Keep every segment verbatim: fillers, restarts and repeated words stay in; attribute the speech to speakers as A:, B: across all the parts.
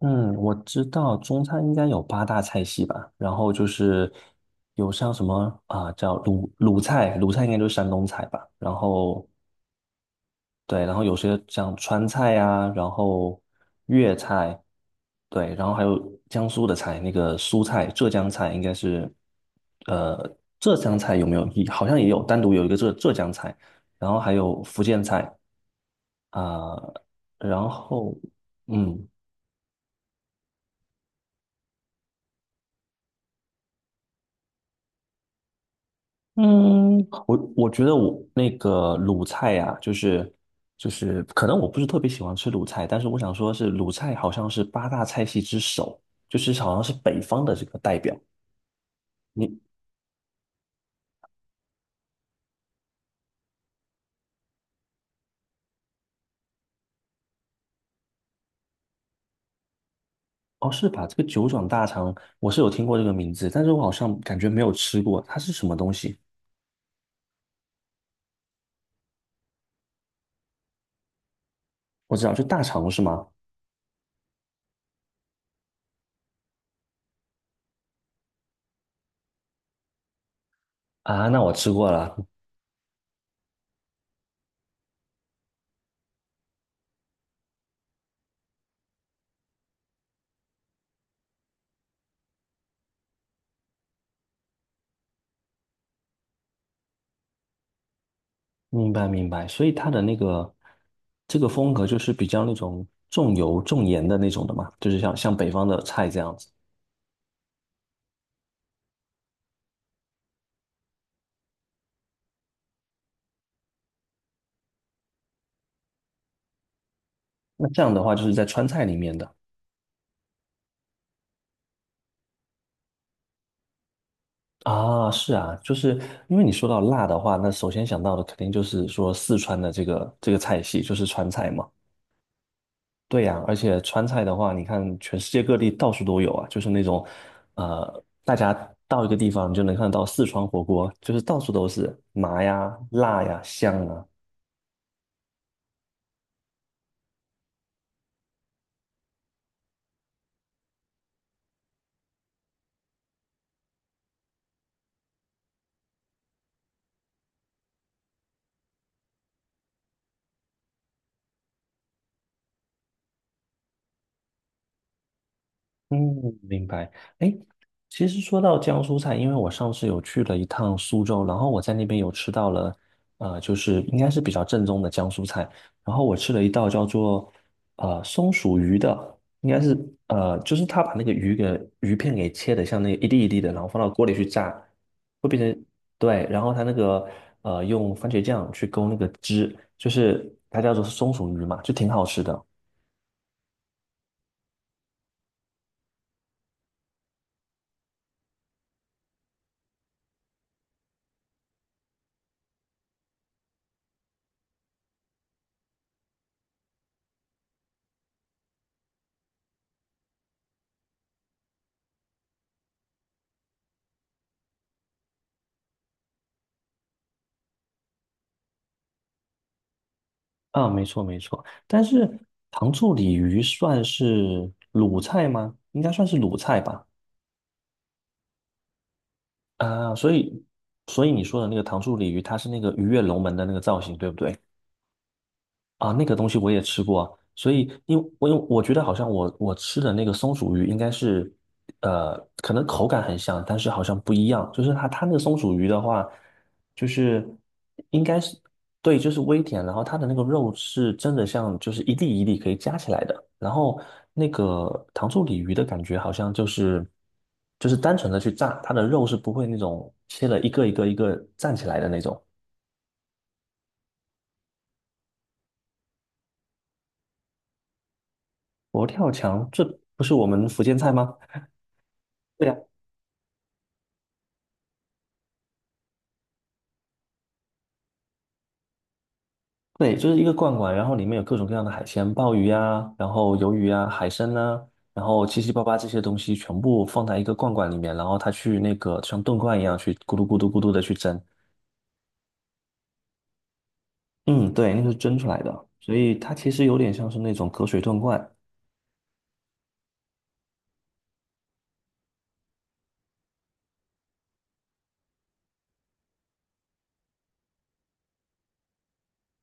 A: 嗯，我知道中餐应该有八大菜系吧，然后就是有像什么啊、叫鲁鲁菜，鲁菜应该就是山东菜吧，然后对，然后有些像川菜呀、然后粤菜。对，然后还有江苏的菜，那个苏菜、浙江菜应该是，呃，浙江菜有没有？好像也有单独有一个浙浙江菜，然后还有福建菜啊、然后嗯。嗯，我我觉得我那个鲁菜呀、就是就是可能我不是特别喜欢吃鲁菜，但是我想说是鲁菜好像是八大菜系之首，就是好像是北方的这个代表。你哦，是吧？这个九转大肠我是有听过这个名字，但是我好像感觉没有吃过，它是什么东西？我知道，就大肠是吗？啊，那我吃过了。明白明白。所以它的那个这个风格就是比较那种重油重盐的那种的嘛，就是像像北方的菜这样子。那这样的话，就是在川菜里面的啊，是啊，就是因为你说到辣的话，那首先想到的肯定就是说四川的这个这个菜系，就是川菜嘛。对呀，而且川菜的话，你看全世界各地到处都有啊，就是那种，呃，大家到一个地方你就能看到四川火锅，就是到处都是麻呀、辣呀、香啊。嗯，明白。哎，其实说到江苏菜，因为我上次有去了一趟苏州，然后我在那边有吃到了，呃，就是应该是比较正宗的江苏菜。然后我吃了一道叫做呃松鼠鱼的，应该是呃，就是他把那个鱼给鱼片给切的像那个一粒一粒的，然后放到锅里去炸，会变成对，然后他那个呃用番茄酱去勾那个汁，就是它叫做松鼠鱼嘛，就挺好吃的。啊，没错没错，但是糖醋鲤鱼算是鲁菜吗？应该算是鲁菜吧。啊，所以所以你说的那个糖醋鲤鱼，它是那个鱼跃龙门的那个造型，对不对？啊，那个东西我也吃过啊，所以因为我因为我觉得好像我我吃的那个松鼠鱼应该是，呃，可能口感很像，但是好像不一样。就是它它那个松鼠鱼的话，就是应该是对，就是微甜，然后它的那个肉是真的像就是一粒一粒可以夹起来的，然后那个糖醋鲤鱼的感觉好像就是就是单纯的去炸，它的肉是不会那种切了一个一个一个站起来的那种。佛跳墙，这不是我们福建菜吗？对呀。对，就是一个罐罐，然后里面有各种各样的海鲜，鲍鱼呀，然后鱿鱼呀，海参呐，然后七七八八这些东西全部放在一个罐罐里面，然后它去那个像炖罐一样去咕嘟咕嘟咕嘟的去蒸。嗯，对，那是蒸出来的，所以它其实有点像是那种隔水炖罐。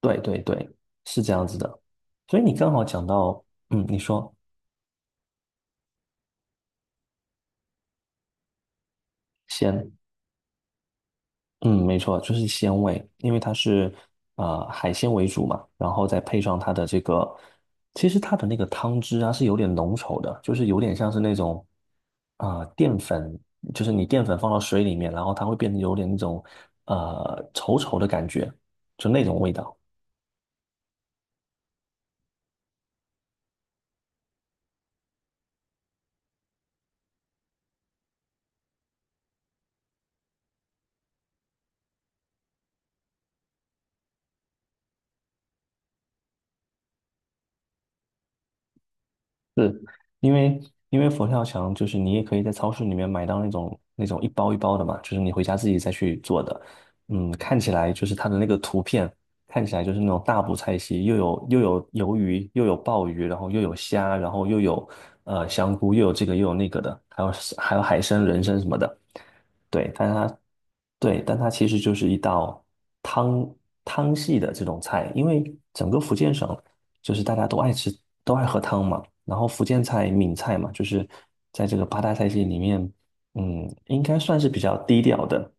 A: 对对对，是这样子的。所以你刚好讲到，嗯，你说先。嗯，没错，就是鲜味，因为它是呃海鲜为主嘛，然后再配上它的这个，其实它的那个汤汁啊是有点浓稠的，就是有点像是那种啊、呃淀粉，就是你淀粉放到水里面，然后它会变得有点那种呃稠稠的感觉，就那种味道。是因为因为佛跳墙就是你也可以在超市里面买到那种那种一包一包的嘛，就是你回家自己再去做的。嗯，看起来就是它的那个图片，看起来就是那种大补菜系，又有又有鱿鱼，又有鲍鱼，然后又有虾，然后又有呃香菇，又有这个又有那个的，还有还有海参、人参什么的。对，但它对，但它其实就是一道汤汤系的这种菜，因为整个福建省。就是大家都爱吃，都爱喝汤嘛。然后福建菜、闽菜嘛，就是在这个八大菜系里面，嗯，应该算是比较低调的。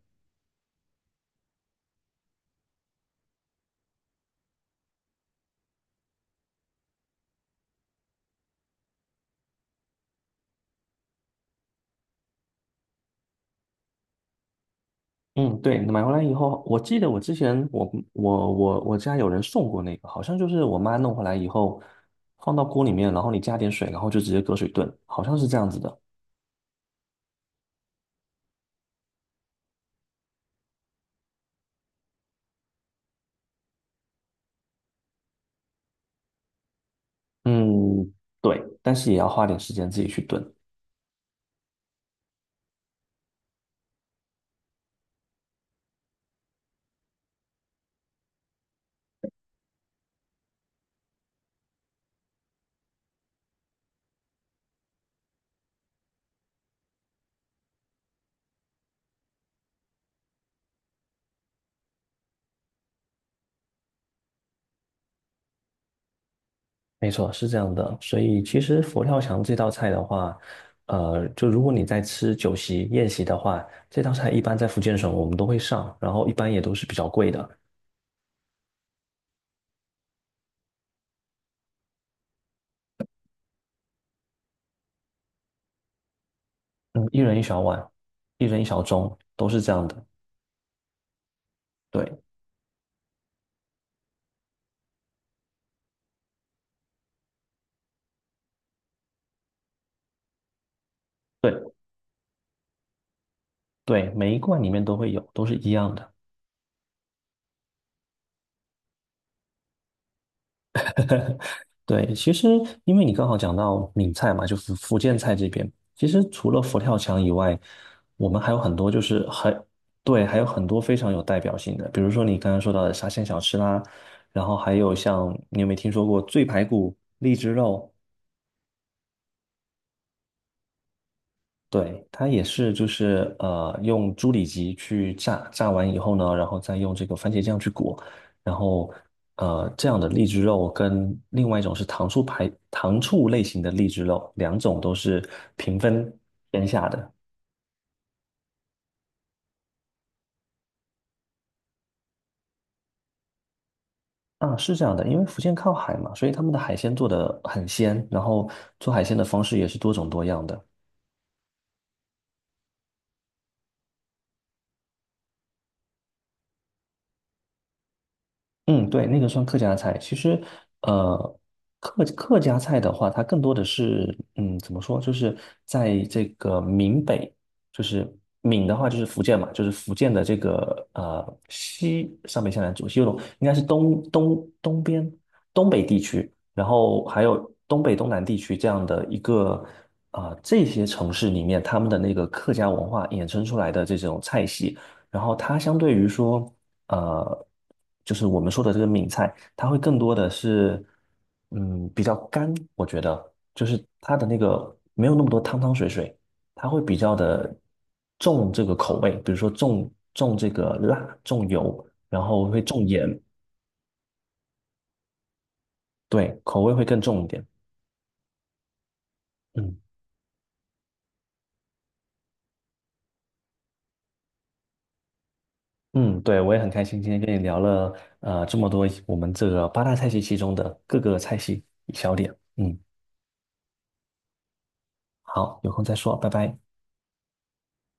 A: 嗯，对，买回来以后，我记得我之前我我我我家有人送过那个，好像就是我妈弄回来以后，放到锅里面，然后你加点水，然后就直接隔水炖，好像是这样子的。嗯，对，但是也要花点时间自己去炖。没错，是这样的。所以其实佛跳墙这道菜的话，呃，就如果你在吃酒席宴席的话，这道菜一般在福建省我们都会上，然后一般也都是比较贵的，嗯，一人一小碗，一人一小盅，都是这样的。对对对，每一罐里面都会有，都是一样的。对，其实因为你刚好讲到闽菜嘛，就是福建菜这边，其实除了佛跳墙以外，我们还有很多就是很，对，还有很多非常有代表性的，比如说你刚刚说到的沙县小吃啦，然后还有像你有没有听说过醉排骨、荔枝肉？对，它也是，就是呃，用猪里脊去炸，炸完以后呢，然后再用这个番茄酱去裹，然后呃，这样的荔枝肉跟另外一种是糖醋排糖醋类型的荔枝肉，两种都是平分天下的。啊，是这样的，因为福建靠海嘛，所以他们的海鲜做的很鲜，然后做海鲜的方式也是多种多样的。嗯，对，那个算客家菜。其实，呃，客客家菜的话，它更多的是，嗯，怎么说，就是在这个闽北，就是闽的话就是福建嘛，就是福建的这个呃西上北下南左西右东，应该是东东东边东北地区，然后还有东北东南地区这样的一个啊、呃这些城市里面，他们的那个客家文化衍生出来的这种菜系。然后它相对于说，呃，就是我们说的这个闽菜，它会更多的是，嗯，比较干，我觉得，就是它的那个没有那么多汤汤水水，它会比较的重这个口味，比如说重重这个辣，重油，然后会重盐，对，口味会更重一点。嗯嗯，对，我也很开心今天跟你聊了呃这么多我们这个八大菜系其中的各个菜系小点。嗯，好，有空再说，拜拜。